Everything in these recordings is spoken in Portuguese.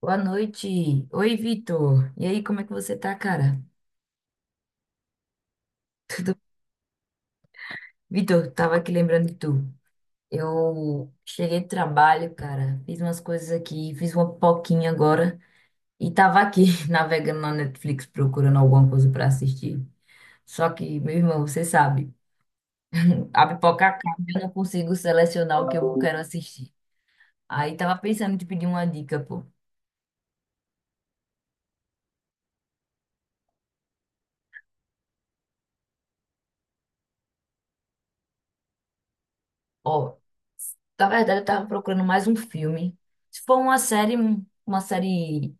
Boa noite. Oi, Vitor. E aí, como é que você tá, cara? Tudo... Vitor, tava aqui lembrando de tu. Eu cheguei do trabalho, cara. Fiz umas coisas aqui, fiz uma poquinha agora e tava aqui navegando na Netflix procurando alguma coisa pra assistir. Só que, meu irmão, você sabe, a pipoca acaba, e eu não consigo selecionar o que eu quero assistir. Aí tava pensando em te pedir uma dica, pô. Ó, na verdade eu tava procurando mais um filme. Se for uma série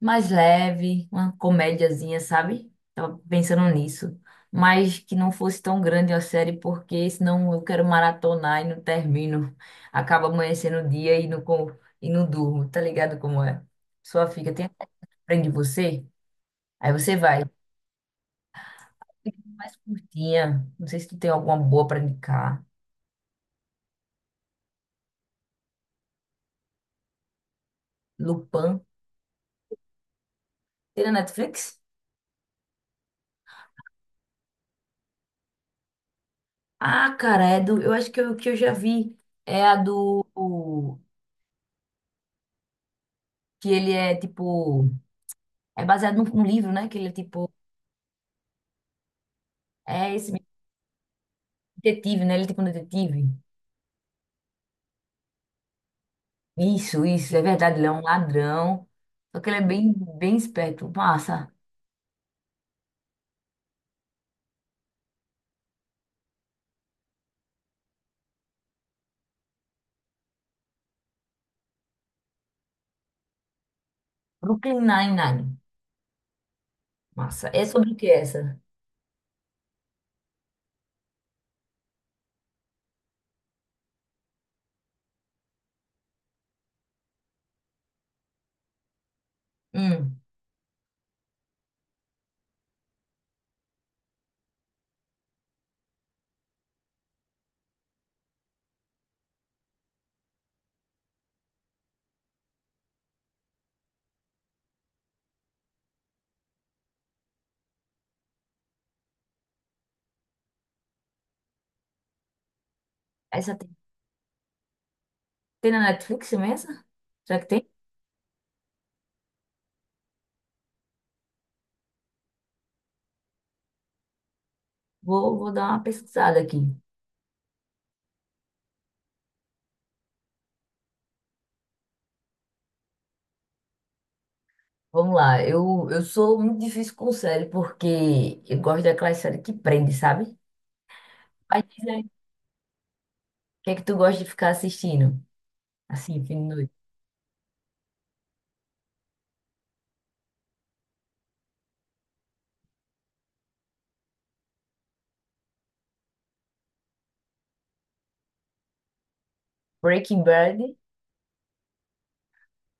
mais leve, uma comédiazinha, sabe? Tava pensando nisso. Mas que não fosse tão grande a série, porque senão eu quero maratonar e não termino. Acaba amanhecendo o dia e e não durmo, tá ligado como é? Sua fica, tem aprende você? Aí você vai. Mais curtinha. Não sei se tu tem alguma boa pra indicar. Lupin. Tem na Netflix? Ah, cara, é do. Eu acho que eu já vi. É a do. Que ele é tipo. É baseado num livro, né? Que ele é tipo. É esse mesmo, detetive, né? Ele é tipo um detetive. Isso, é verdade. Ele é um ladrão. Só que ele é bem esperto. Massa. Brooklyn Nine-Nine. Massa. É sobre o que essa? Hum. Essa tem, tem na Netflix mesmo? Essa? Será que tem? Vou dar uma pesquisada aqui. Vamos lá. Eu sou muito difícil com série, porque eu gosto daquela série que prende, sabe? Mas diz aí, o que é que tu gosta de ficar assistindo? Assim, fim de noite. Breaking Bad.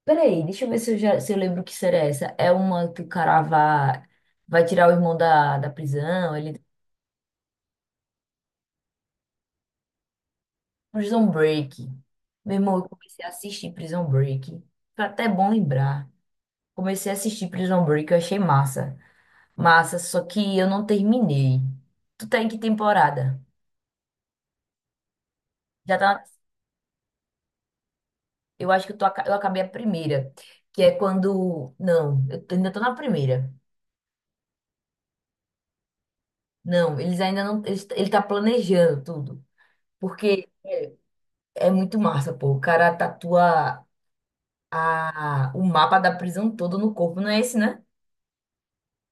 Peraí, deixa eu ver se eu lembro que será essa. É uma que o cara vai, vai tirar o irmão da prisão, ele... Prison Break. Meu irmão, eu comecei a assistir Prison Break. Foi até bom lembrar. Comecei a assistir Prison Break, eu achei massa. Massa, só que eu não terminei. Tu tá em que temporada? Já tá... Eu acho que eu, tô, eu acabei a primeira, que é quando... Não, eu ainda tô na primeira. Não, eles ainda não... Eles, ele tá planejando tudo, porque é muito massa, pô. O cara tatua a, o mapa da prisão todo no corpo, não é esse, né?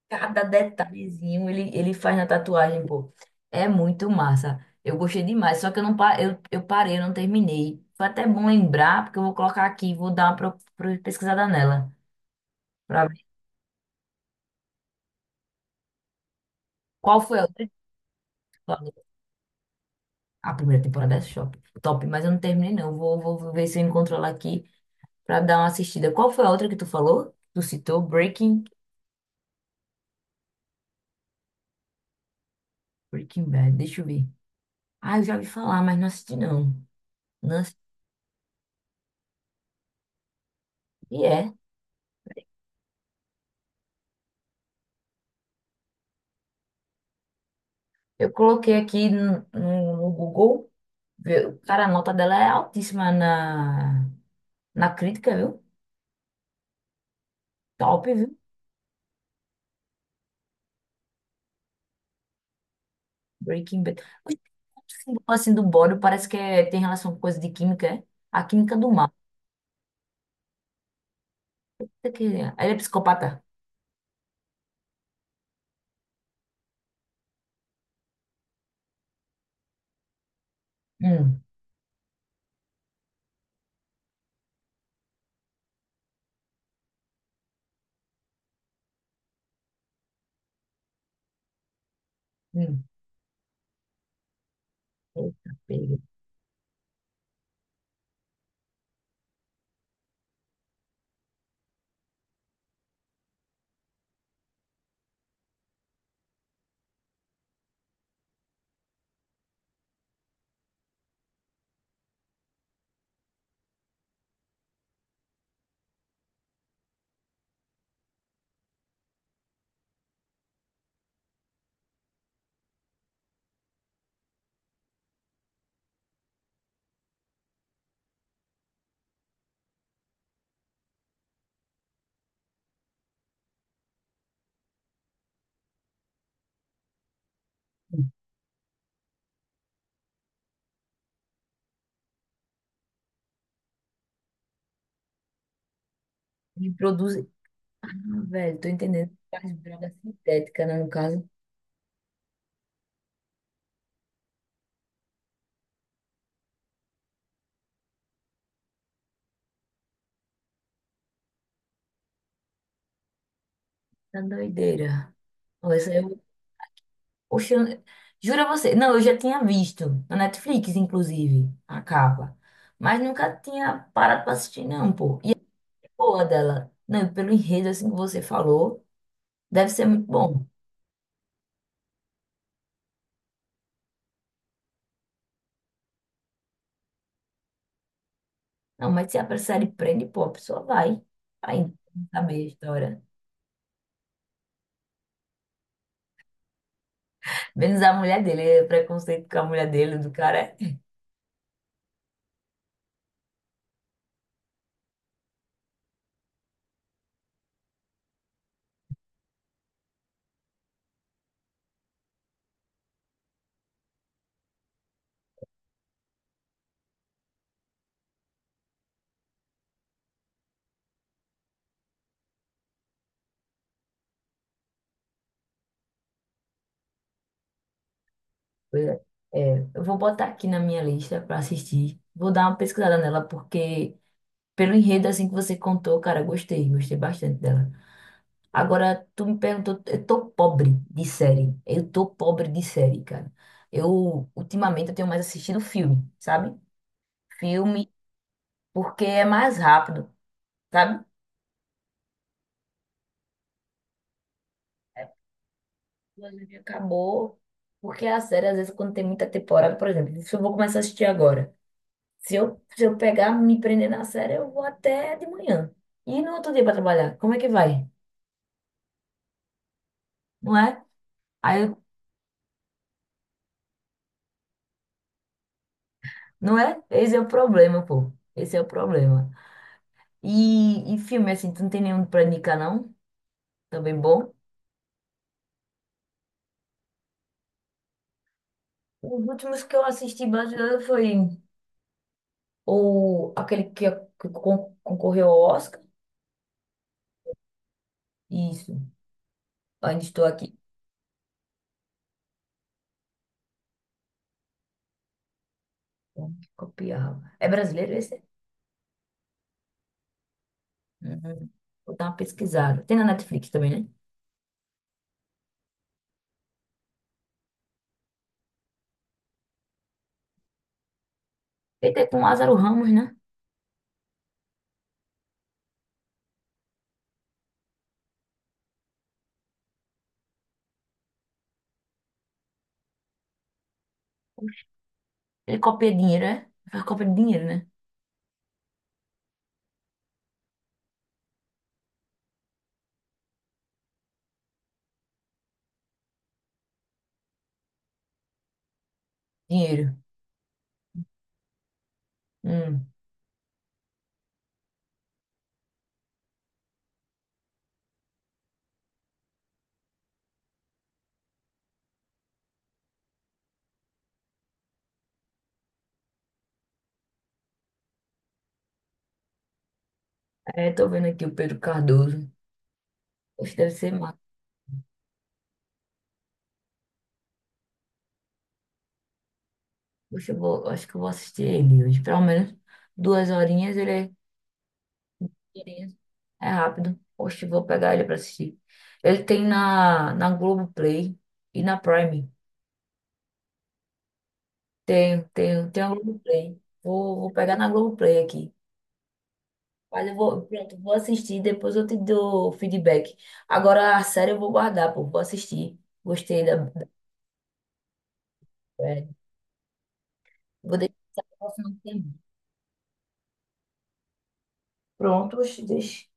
Cada detalhezinho ele faz na tatuagem, pô. É muito massa. Eu gostei demais, só que eu não eu parei, eu não terminei. Foi até bom lembrar, porque eu vou colocar aqui, vou dar uma pesquisada nela, pra ver qual foi a outra que tu falou. A primeira temporada é shop, top, mas eu não terminei, não. Vou ver se eu encontro ela aqui pra dar uma assistida. Qual foi a outra que tu falou? Tu citou Breaking, Breaking Bad, deixa eu ver. Ah, eu já ouvi falar, mas não assisti não. Não assisti, é. Eu coloquei aqui no Google, viu? Cara, a nota dela é altíssima na crítica, viu? Top, viu? Breaking Bad. O símbolo assim do bódio parece que tem relação com coisa de química, é? A química do mal. Ele é psicopata. Hum, hum. Eita, pega. Hum. Ele produz... Ah, velho, tô entendendo. Faz droga sintética, né, no caso. Tá doideira. Olha, essa eu... Oxe, eu... jura você? Não, eu já tinha visto na Netflix, inclusive, a capa. Mas nunca tinha parado pra assistir, não, pô. E é boa dela. Não, e pelo enredo, assim que você falou, deve ser muito bom. Não, mas se a série prende, pô, a pessoa vai. Vai saber a história. Menos a mulher dele, é preconceito com a mulher dele, do cara. Pois é. É, eu vou botar aqui na minha lista pra assistir. Vou dar uma pesquisada nela, porque pelo enredo, assim que você contou, cara, gostei, gostei bastante dela. Agora, tu me perguntou, eu tô pobre de série. Eu tô pobre de série, cara. Eu, ultimamente, eu tenho mais assistido filme, sabe? Filme, porque é mais rápido, sabe? O anime acabou, porque a série, às vezes, quando tem muita temporada, por exemplo, se eu vou começar a assistir agora, se eu pegar, me prender na série, eu vou até de manhã. E no outro dia pra trabalhar, como é que vai? Não é? Aí, eu... não é? Esse é o problema, pô. Esse é o problema. E filme, assim, tu não tem nenhum pra indicar, não? Também bom. Os últimos que eu assisti brasileiro foi ou aquele que concorreu ao Oscar. Isso. Ainda estou aqui. Copiava. É brasileiro esse? Uhum. Vou dar uma pesquisada. Tem na Netflix também, né? Ele tem com o Lázaro Ramos, né? Ele copia dinheiro, é? Faz cópia de dinheiro, né? Dinheiro. Hum. É, tô vendo aqui o Pedro Cardoso. Poxa, deve ser massa. Poxa, eu vou, eu acho que eu vou assistir ele hoje. Pelo menos duas horinhas ele é. Beleza. É rápido. Poxa, vou pegar ele pra assistir. Ele tem na Globoplay e na Prime. Tem, tem, tem a Globoplay. Vou pegar na Globoplay aqui. Mas eu vou, pronto, vou assistir, depois eu te dou feedback. Agora a série eu vou guardar, pô, vou assistir. Gostei da série. Vou deixar pra final semana. Pronto, oxe, deixa.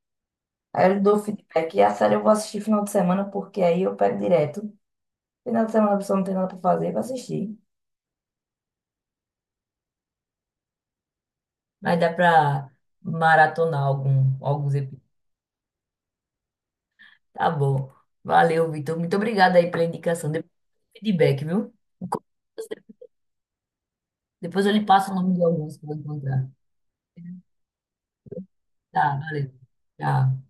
Aí eu dou feedback. E a série eu vou assistir final de semana, porque aí eu pego direto. Final de semana a pessoa não tem nada pra fazer, vou assistir. Mas dá pra maratonar algum, alguns episódios. Tá bom. Valeu, Vitor. Muito obrigada aí pela indicação. Depois eu dou feedback, viu? Depois eu lhe passo o nome de alguns que eu vou encontrar. Tá, valeu. Tchau.